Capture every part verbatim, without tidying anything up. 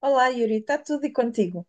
Olá, Yuri, está tudo e contigo?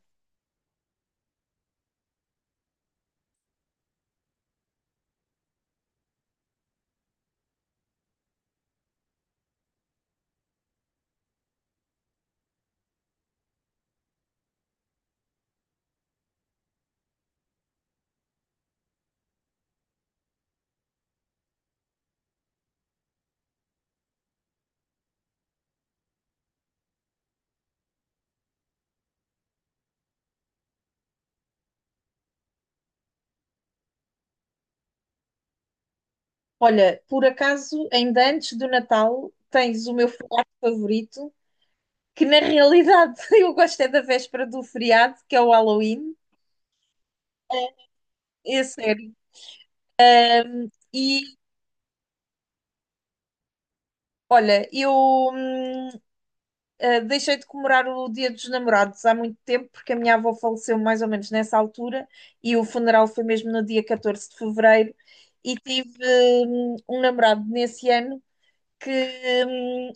Olha, por acaso, ainda antes do Natal, tens o meu feriado favorito, que na realidade eu gosto é da véspera do feriado, que é o Halloween, é sério. E olha, eu hum, ah, deixei de comemorar o Dia dos Namorados há muito tempo, porque a minha avó faleceu mais ou menos nessa altura, e o funeral foi mesmo no dia catorze de fevereiro, e tive hum, um namorado nesse ano. Que, hum,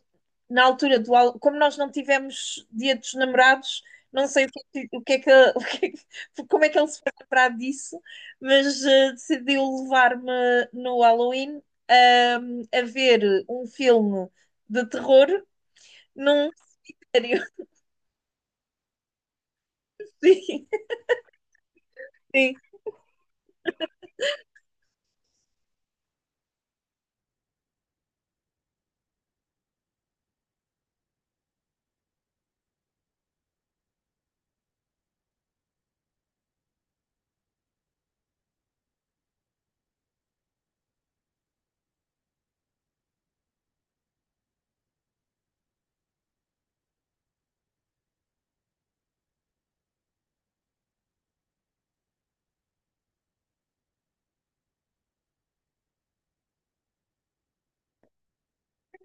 Na altura do al- como nós não tivemos Dia dos Namorados, não sei o que, é que- o que é que, o que é que- como é que ele se foi lembrar disso, mas eh, decidiu levar-me no Halloween ahm, a ver um filme de terror num cenário. Sim, sim.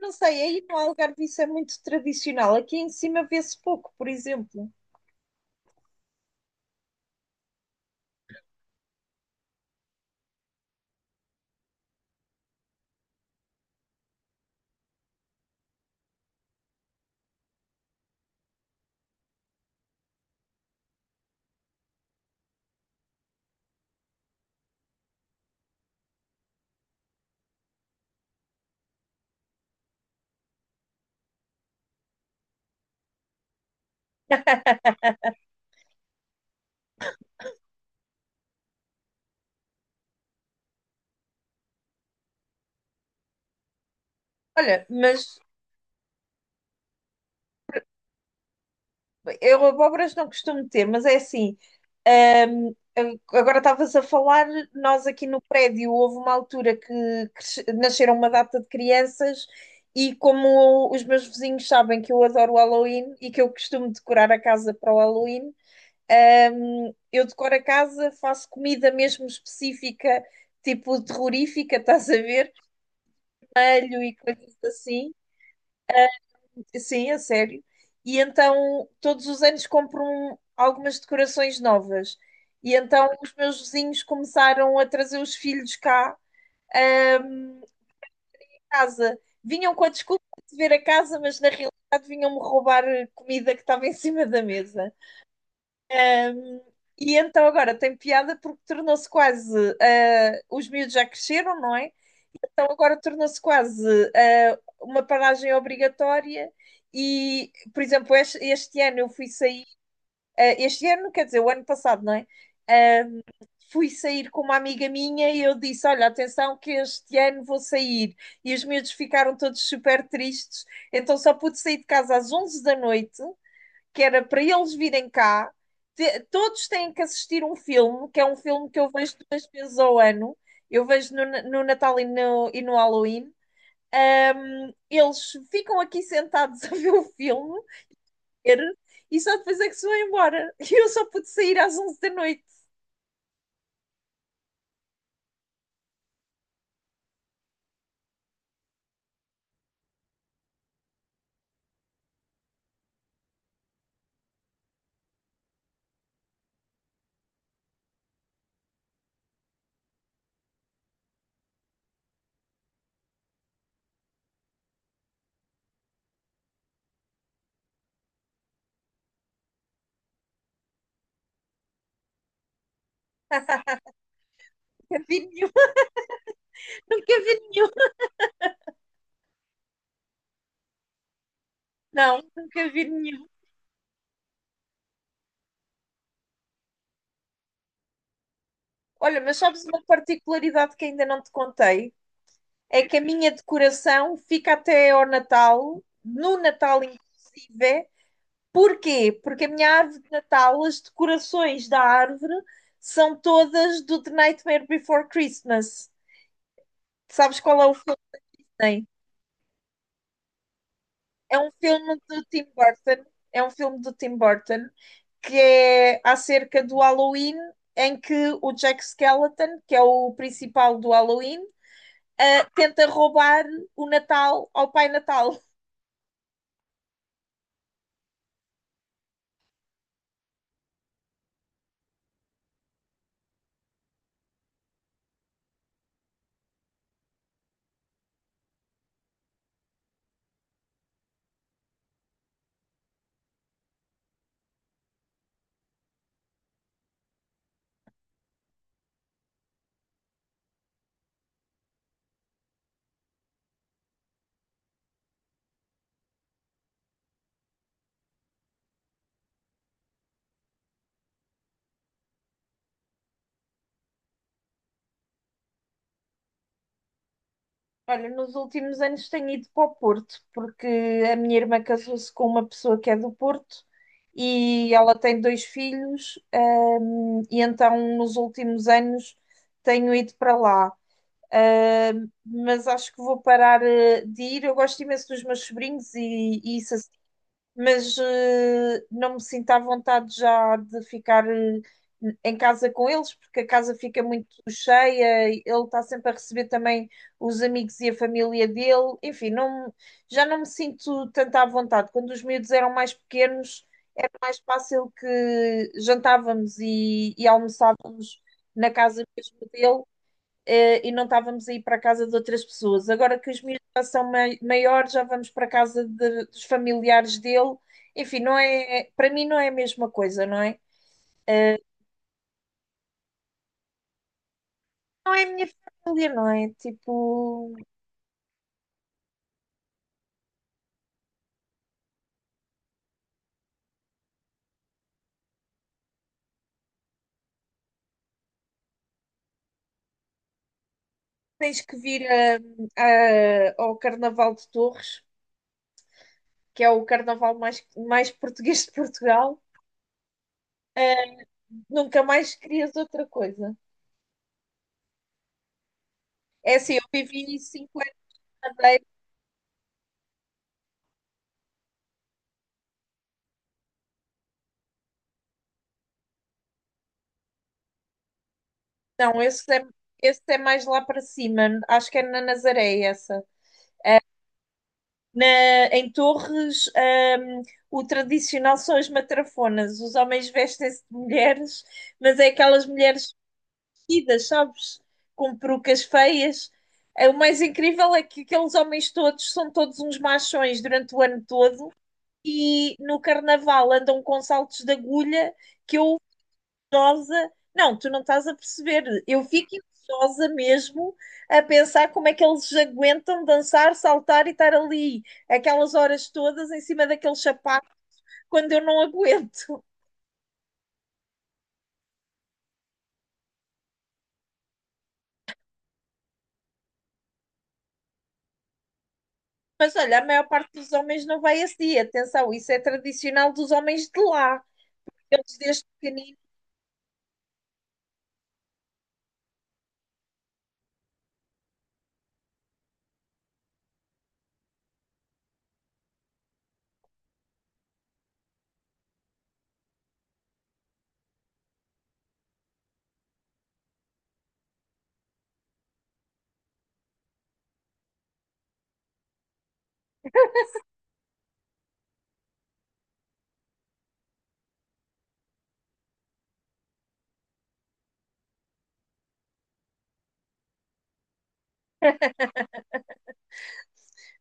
Não sei, aí no Algarve isso é muito tradicional. Aqui em cima vê-se pouco, por exemplo. Olha, mas eu abóboras não costumo ter, mas é assim. hum, agora estavas a falar, nós aqui no prédio houve uma altura que cresce- nasceram uma data de crianças e como os meus vizinhos sabem que eu adoro o Halloween e que eu costumo decorar a casa para o Halloween, hum, eu decoro a casa, faço comida mesmo específica, tipo terrorífica, estás a ver? Alho e coisas assim. Sim, a sério. E então, todos os anos compro um- algumas decorações novas. E então, os meus vizinhos começaram a trazer os filhos cá, ahm, à casa. Vinham com a desculpa de ver a casa, mas na realidade vinham-me roubar a comida que estava em cima da mesa. Hum, E então, agora tem piada porque tornou-se quase. ah, os miúdos já cresceram, não é? Então agora tornou-se quase ah, uma paragem obrigatória e, por exemplo, este, este ano eu fui sair, ah, este ano, quer dizer, o ano passado, não é? Ah, Fui sair com uma amiga minha e eu disse, olha, atenção que este ano vou sair. E os miúdos ficaram todos super tristes, então só pude sair de casa às onze da noite, que era para eles virem cá. Te- todos têm que assistir um filme, que é um filme que eu vejo duas vezes ao ano. Eu vejo no, no Natal e no, e no Halloween. Um, eles ficam aqui sentados a ver o filme e só depois é que se vão embora. E eu só pude sair às onze da noite. Nunca vi nenhum, nunca vi nenhum. Não, nunca vi nenhum. Olha, mas sabes uma particularidade que ainda não te contei? É que a minha decoração fica até ao Natal, no Natal inclusive. Porquê? Porque a minha árvore de Natal, as decorações da árvore são todas do The Nightmare Before Christmas. Sabes qual é o filme, não é? É um filme do Tim Burton, é um filme do Tim Burton que é acerca do Halloween, em que o Jack Skellington, que é o principal do Halloween, ah, tenta roubar o Natal ao Pai Natal. Olha, nos últimos anos tenho ido para o Porto, porque a minha irmã casou-se com uma pessoa que é do Porto e ela tem dois filhos, hum, e então nos últimos anos tenho ido para lá. Uh, mas acho que vou parar uh, de ir. Eu gosto imenso dos meus sobrinhos e, e isso assim, mas uh, não me sinto à vontade já de ficar uh, em casa com eles, porque a casa fica muito cheia, e ele está sempre a receber também os amigos e a família dele. Enfim, não, já não me sinto tanto à vontade. Quando os miúdos eram mais pequenos, era mais fácil que jantávamos e, e almoçávamos na casa mesmo dele eh, e não estávamos a ir para a casa de outras pessoas. Agora que os miúdos já são mai- maiores, já vamos para a casa de- dos familiares dele. Enfim, não é, é, para mim não é a mesma coisa, não é? Não é a minha família, não é? Tipo, tens que vir a- a- ao Carnaval de Torres, que é o carnaval mais, mais português de Portugal. Nunca mais querias outra coisa. É assim, eu vivi cinco anos na Madeira. Não, esse é, esse é mais lá para cima. Acho que é na Nazaré, essa. Na- Em Torres, ahm, o tradicional são as matrafonas. Os homens vestem-se de mulheres, mas é aquelas mulheres vestidas, sabes? Com perucas feias. Eh, O mais incrível é que aqueles homens todos são todos uns machões durante o ano todo e no carnaval andam com saltos de agulha que eu invejosa. Não, tu não estás a perceber. Eu fico invejosa mesmo a pensar como é que eles aguentam dançar, saltar e estar ali aquelas horas todas em cima daquele sapato quando eu não aguento. Mas olha, a maior parte dos homens não vai esse dia. Atenção, isso é tradicional dos homens de lá. Eles desde pequenino.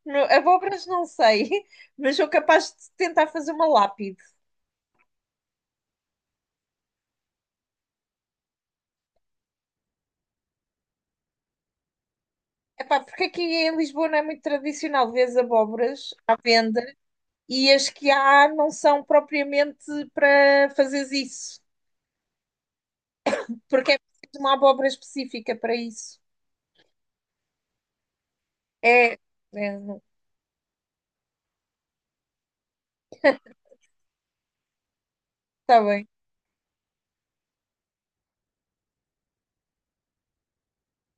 no- Abóboras não sei, mas sou capaz de tentar fazer uma lápide. Epá, porque aqui em Lisboa não é muito tradicional, vês abóboras à venda. E as que há não são propriamente para fazeres isso, porque é preciso uma abóbora específica para isso. É, é, não- Está bem,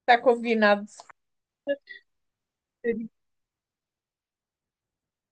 está combinado.